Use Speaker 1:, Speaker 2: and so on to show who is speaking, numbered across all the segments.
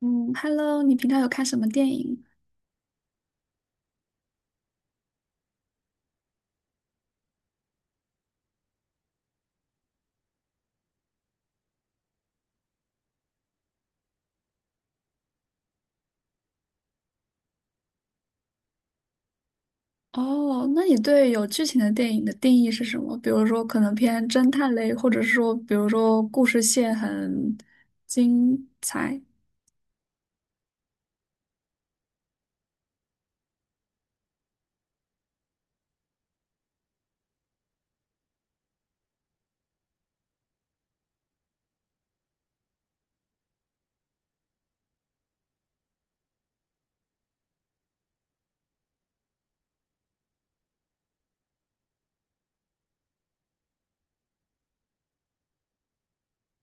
Speaker 1: 嗯，Hello，你平常有看什么电影？哦，那你对有剧情的电影的定义是什么？比如说，可能偏侦探类，或者是说，比如说故事线很精彩。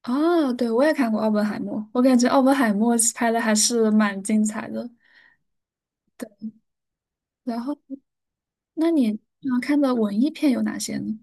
Speaker 1: 哦，对，我也看过《奥本海默》，我感觉《奥本海默》拍的还是蛮精彩的。然后，那你常看的文艺片有哪些呢？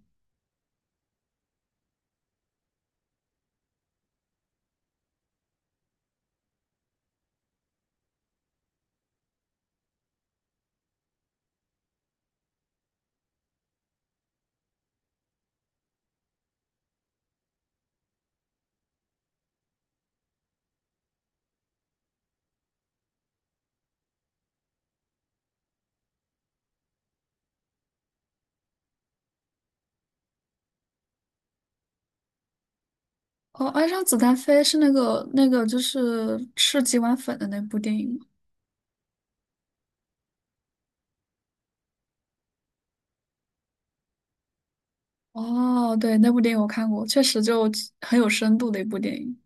Speaker 1: 哦，《爱上子弹飞》是那个就是吃几碗粉的那部电影吗？哦，对，那部电影我看过，确实就很有深度的一部电影。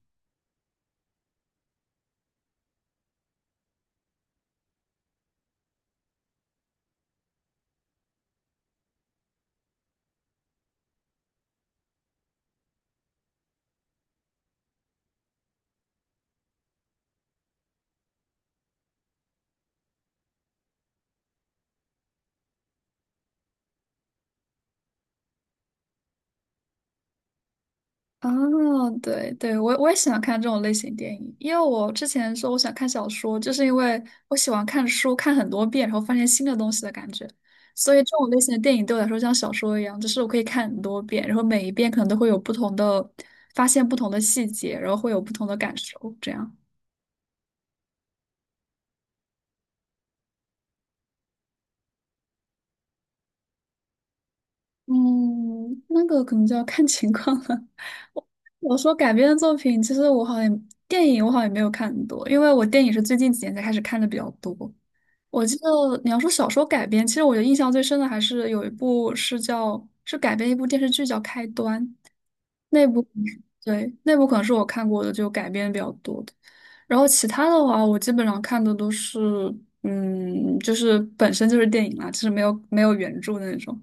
Speaker 1: 哦，对对，我也喜欢看这种类型电影，因为我之前说我想看小说，就是因为我喜欢看书，看很多遍，然后发现新的东西的感觉。所以这种类型的电影对我来说像小说一样，就是我可以看很多遍，然后每一遍可能都会有不同的，发现不同的细节，然后会有不同的感受，这样。嗯，那个可能就要看情况了。我说改编的作品，其实我好像电影我好像也没有看很多，因为我电影是最近几年才开始看的比较多。我记得你要说小说改编，其实我觉得印象最深的还是有一部是叫是改编一部电视剧叫《开端》，那部对，那部可能是我看过的就改编比较多的。然后其他的话，我基本上看的都是就是本身就是电影啦，就是没有原著的那种。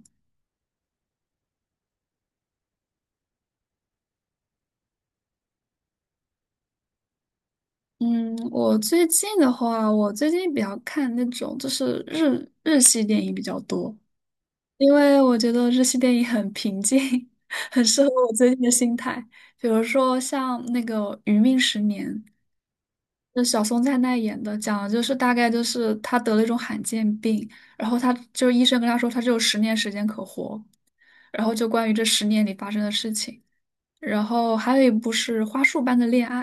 Speaker 1: 嗯，我最近的话，我最近比较看那种就是日系电影比较多。因为我觉得日系电影很平静，很适合我最近的心态。比如说像那个《余命十年》，就小松菜奈演的，讲的就是大概就是他得了一种罕见病，然后他就医生跟他说他只有十年时间可活，然后就关于这十年里发生的事情。然后还有一部是《花束般的恋爱》，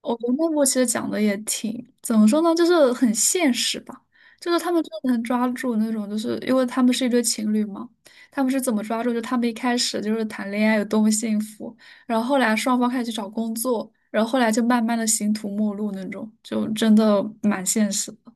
Speaker 1: 我觉得那部其实讲的也挺，怎么说呢，就是很现实吧。就是他们真的能抓住那种，就是因为他们是一对情侣嘛，他们是怎么抓住？就他们一开始就是谈恋爱有多么幸福，然后后来双方开始去找工作，然后后来就慢慢的形同陌路那种，就真的蛮现实的。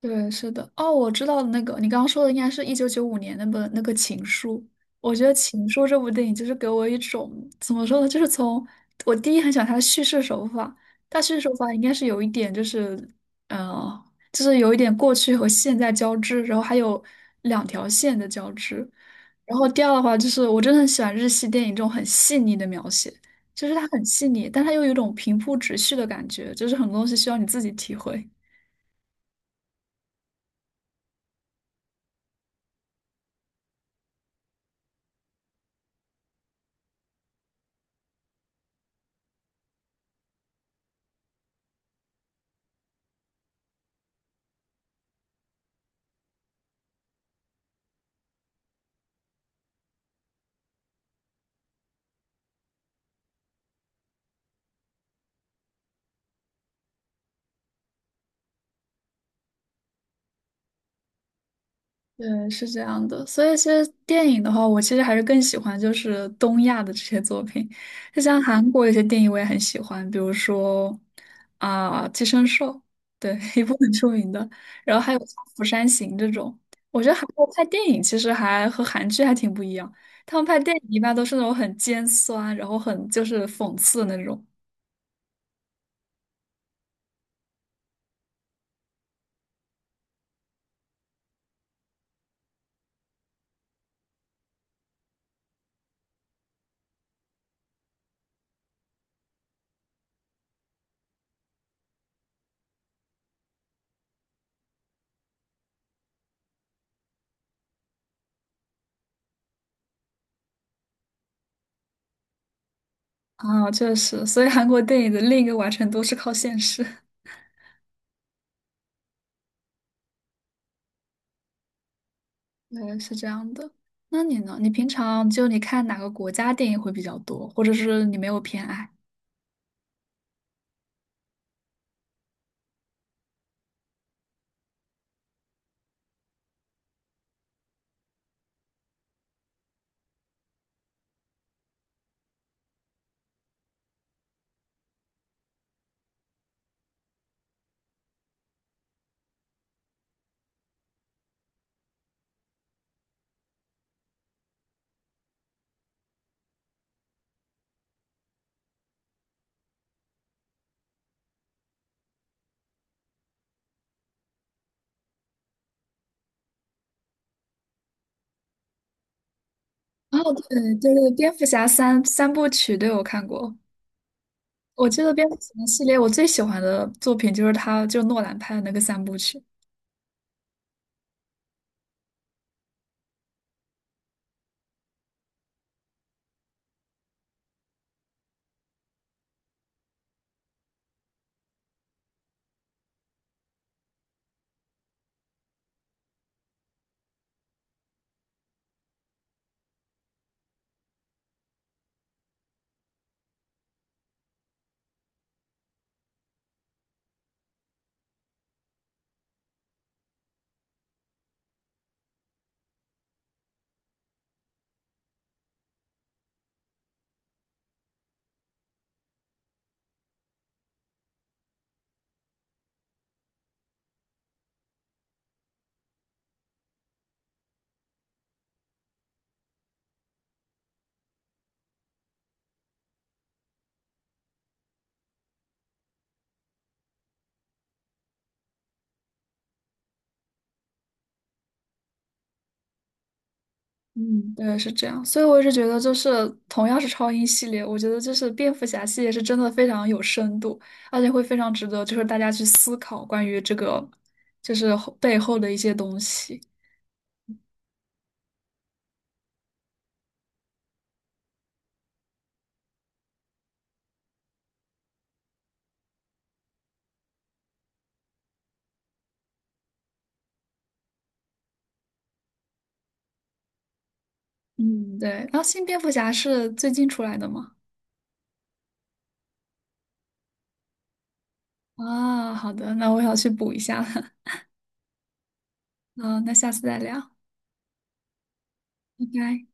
Speaker 1: 对，是的，哦，我知道那个，你刚刚说的应该是1995年那本那个《情书》。我觉得《情书》这部电影就是给我一种怎么说呢，就是从我第一很喜欢它的叙事手法，它叙事手法应该是有一点就是，呃，就是有一点过去和现在交织，然后还有两条线的交织。然后第二的话就是，我真的很喜欢日系电影这种很细腻的描写，就是它很细腻，但它又有一种平铺直叙的感觉，就是很多东西需要你自己体会。对，是这样的，所以其实电影的话，我其实还是更喜欢就是东亚的这些作品，就像韩国有些电影我也很喜欢，比如说啊、寄生兽》，对，一部很出名的，然后还有像釜山行》这种，我觉得韩国拍电影其实还和韩剧还挺不一样，他们拍电影一般都是那种很尖酸，然后很就是讽刺的那种。啊，确实，所以韩国电影的另一个完成度是靠现实。对，是这样的。那你呢？你平常就你看哪个国家电影会比较多，或者是你没有偏爱？哦，对就是《蝙蝠侠三部曲，对，我看过。我记得蝙蝠侠系列我最喜欢的作品就是他，就诺兰拍的那个三部曲。嗯，对，是这样。所以我是觉得，就是同样是超英系列，我觉得就是蝙蝠侠系列是真的非常有深度，而且会非常值得就是大家去思考关于这个就是背后的一些东西。嗯，对。然后新蝙蝠侠是最近出来的吗？啊，好的，那我要去补一下了。嗯，那下次再聊，拜拜。